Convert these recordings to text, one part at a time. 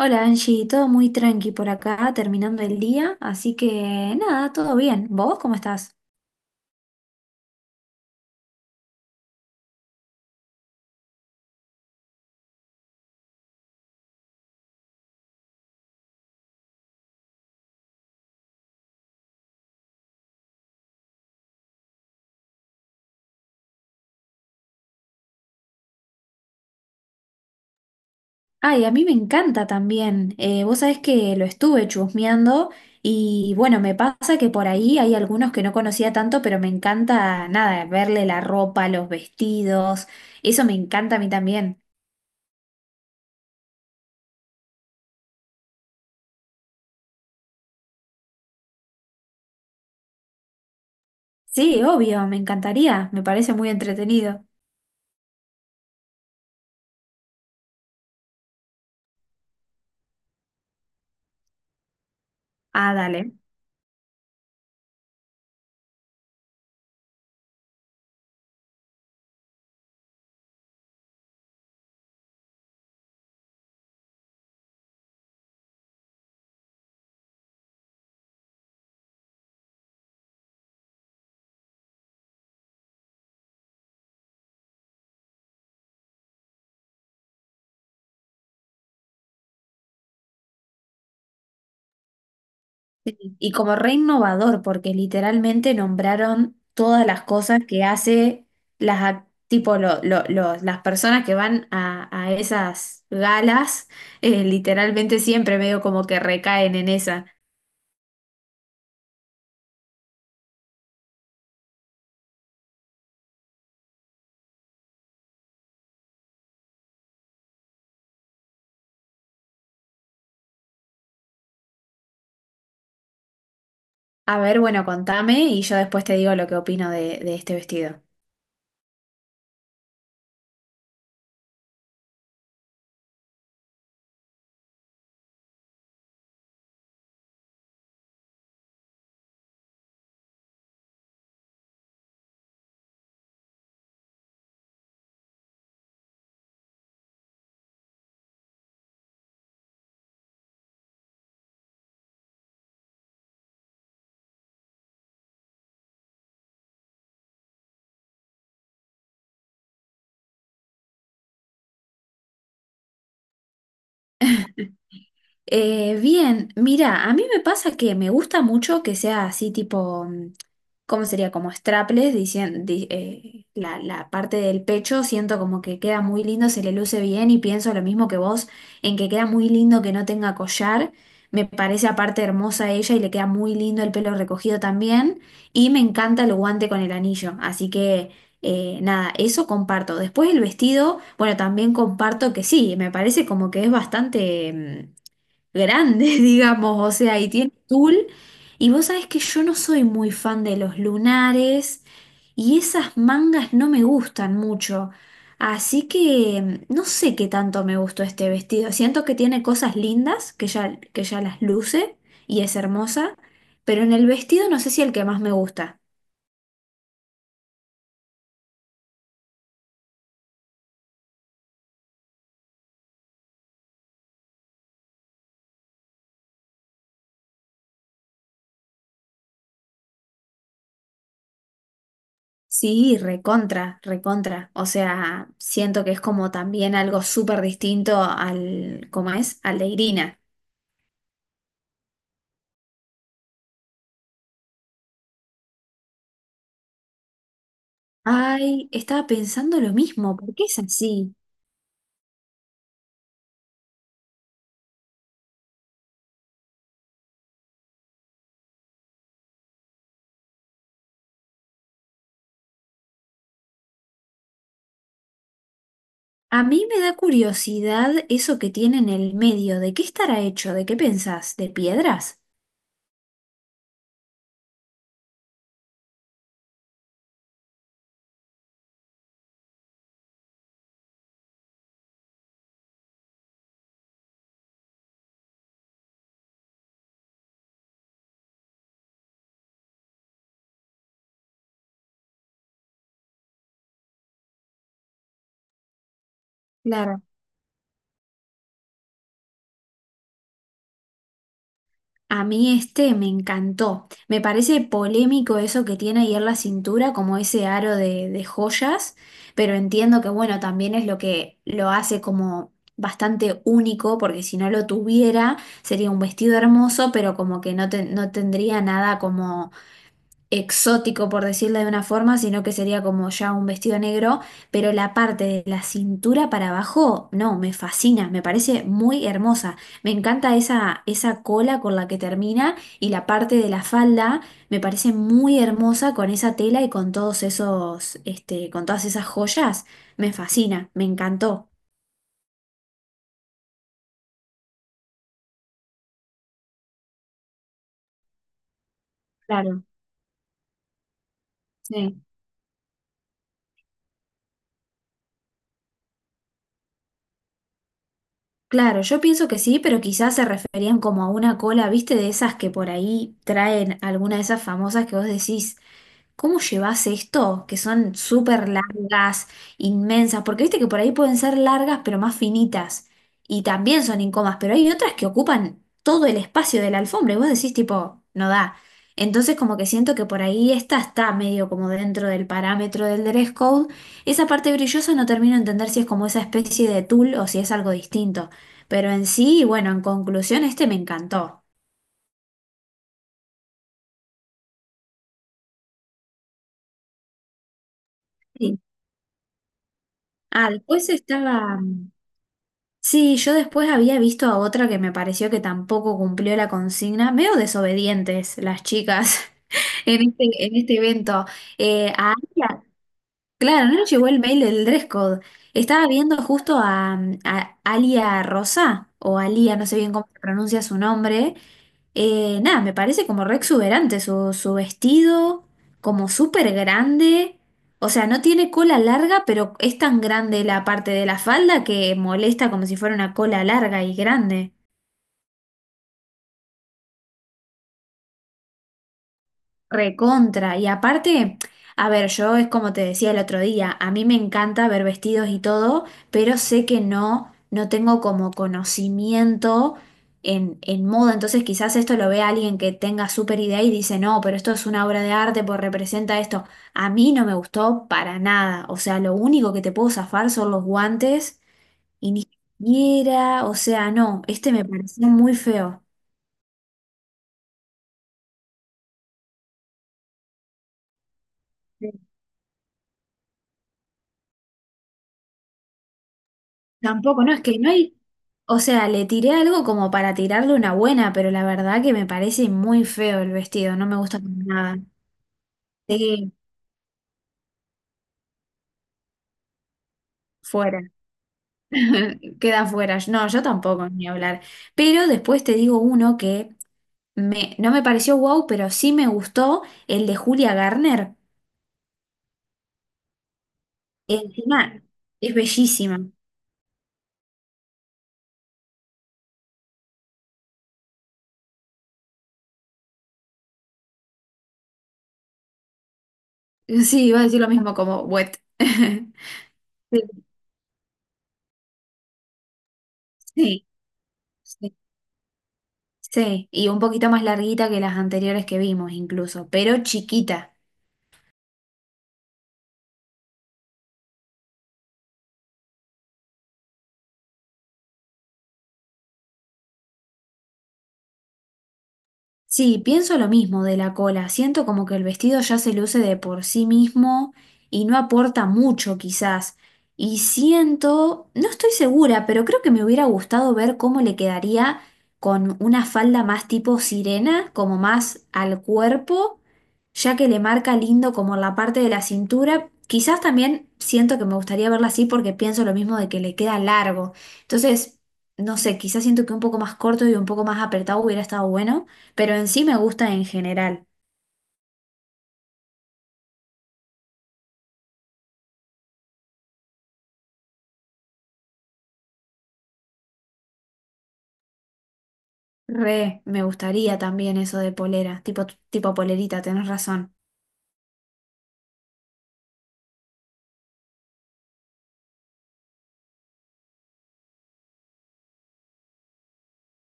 Hola Angie, todo muy tranqui por acá, terminando el día, así que nada, todo bien. ¿Vos cómo estás? Ay, a mí me encanta también. Vos sabés que lo estuve chusmeando y bueno, me pasa que por ahí hay algunos que no conocía tanto, pero me encanta nada, verle la ropa, los vestidos, eso me encanta a mí también. Sí, obvio, me encantaría, me parece muy entretenido. Ah, dale. Y como re innovador, porque literalmente nombraron todas las cosas que hace las, tipo, las personas que van a esas galas, literalmente siempre medio como que recaen en esa. A ver, bueno, contame y yo después te digo lo que opino de este vestido. Bien, mira, a mí me pasa que me gusta mucho que sea así tipo ¿cómo sería? Como strapless, la, la parte del pecho, siento como que queda muy lindo, se le luce bien y pienso lo mismo que vos, en que queda muy lindo que no tenga collar, me parece aparte hermosa ella y le queda muy lindo el pelo recogido también y me encanta el guante con el anillo, así que nada, eso comparto. Después el vestido, bueno, también comparto que sí, me parece como que es bastante... grandes, digamos, o sea, y tiene tul. Y vos sabés que yo no soy muy fan de los lunares y esas mangas no me gustan mucho. Así que no sé qué tanto me gustó este vestido. Siento que tiene cosas lindas, que ya las luce y es hermosa, pero en el vestido no sé si el que más me gusta. Sí, recontra, recontra. O sea, siento que es como también algo súper distinto al, ¿cómo es? Al de Irina. Ay, estaba pensando lo mismo, ¿por qué es así? A mí me da curiosidad eso que tiene en el medio, ¿de qué estará hecho? ¿De qué pensás? ¿De piedras? Claro. A mí este me encantó. Me parece polémico eso que tiene ahí en la cintura, como ese aro de joyas, pero entiendo que bueno, también es lo que lo hace como bastante único, porque si no lo tuviera sería un vestido hermoso, pero como que no, no tendría nada como exótico, por decirlo de una forma, sino que sería como ya un vestido negro, pero la parte de la cintura para abajo, no, me fascina, me parece muy hermosa. Me encanta esa, esa cola con la que termina y la parte de la falda me parece muy hermosa con esa tela y con todos esos, este, con todas esas joyas. Me fascina, me encantó. Claro, sí. Claro, yo pienso que sí, pero quizás se referían como a una cola, viste, de esas que por ahí traen alguna de esas famosas que vos decís. ¿Cómo llevas esto? Que son súper largas, inmensas, porque viste que por ahí pueden ser largas pero más finitas y también son incómodas, pero hay otras que ocupan todo el espacio de la alfombra y vos decís tipo, no da. Entonces como que siento que por ahí esta está medio como dentro del parámetro del dress code. Esa parte brillosa no termino de entender si es como esa especie de tul o si es algo distinto. Pero en sí, bueno, en conclusión, este me encantó. Sí. Ah, después estaba. Sí, yo después había visto a otra que me pareció que tampoco cumplió la consigna, medio desobedientes las chicas en este evento. A Alia, claro, no nos llegó el mail del dress code. Estaba viendo justo a, a Alia Rosa, o Alia, no sé bien cómo se pronuncia su nombre, nada, me parece como re exuberante su, su vestido, como súper grande. O sea, no tiene cola larga, pero es tan grande la parte de la falda que molesta como si fuera una cola larga y grande. Recontra. Y aparte, a ver, yo es como te decía el otro día, a mí me encanta ver vestidos y todo, pero sé que no, no tengo como conocimiento en moda. Entonces quizás esto lo vea alguien que tenga súper idea y dice, no, pero esto es una obra de arte, pues representa esto. A mí no me gustó para nada. O sea, lo único que te puedo zafar son los guantes y ni siquiera, o sea, no, este me pareció muy feo. Sí. Tampoco, no, es que no hay. O sea, le tiré algo como para tirarle una buena, pero la verdad que me parece muy feo el vestido, no me gusta para nada. Sí, fuera. Queda fuera. No, yo tampoco, ni hablar. Pero después te digo uno que me, no me pareció wow, pero sí me gustó, el de Julia Garner. Encima, es bellísima. Sí, iba a decir lo mismo como wet. Sí, sí, sí. Sí. Y un poquito más larguita que las anteriores que vimos incluso, pero chiquita. Sí, pienso lo mismo de la cola. Siento como que el vestido ya se luce de por sí mismo y no aporta mucho quizás. Y siento, no estoy segura, pero creo que me hubiera gustado ver cómo le quedaría con una falda más tipo sirena, como más al cuerpo, ya que le marca lindo como la parte de la cintura. Quizás también siento que me gustaría verla así porque pienso lo mismo de que le queda largo. Entonces, no sé, quizás siento que un poco más corto y un poco más apretado hubiera estado bueno. Pero en sí me gusta en general. Re, me gustaría también eso de polera, tipo, tipo polerita, tenés razón.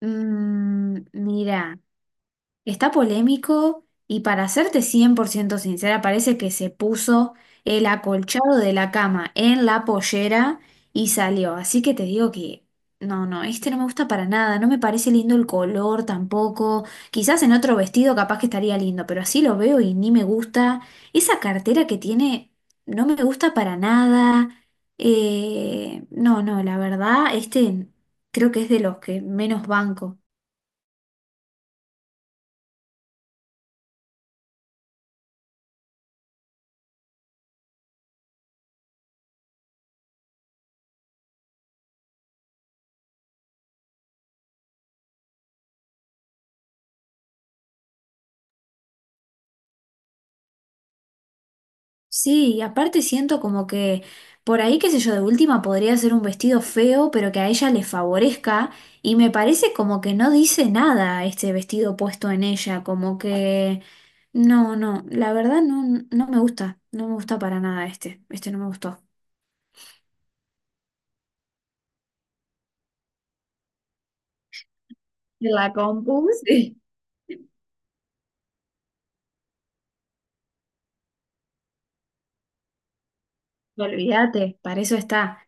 Mm, mira. Está polémico y para serte 100% sincera, parece que se puso el acolchado de la cama en la pollera y salió. Así que te digo que no, no, este no me gusta para nada, no me parece lindo el color tampoco. Quizás en otro vestido capaz que estaría lindo, pero así lo veo y ni me gusta. Esa cartera que tiene no me gusta para nada. No, no, la verdad, este creo que es de los que menos banco. Sí, y aparte siento como que por ahí, qué sé yo, de última podría ser un vestido feo, pero que a ella le favorezca, y me parece como que no dice nada este vestido puesto en ella, como que no, no, la verdad no, no me gusta, no me gusta para nada este, este no me gustó. En la compu, sí. Olvídate. Para eso está.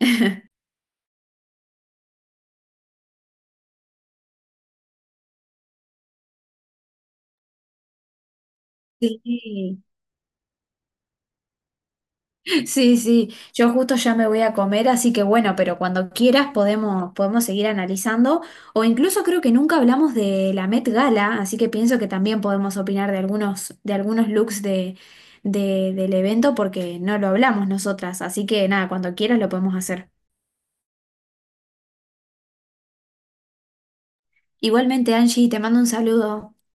Sí. Sí, sí, yo justo ya me voy a comer, así que bueno, pero cuando quieras podemos, podemos seguir analizando, o incluso creo que nunca hablamos de la Met Gala, así que pienso que también podemos opinar de algunos looks de, del evento porque no lo hablamos nosotras, así que nada, cuando quieras lo podemos hacer. Igualmente, Angie, te mando un saludo.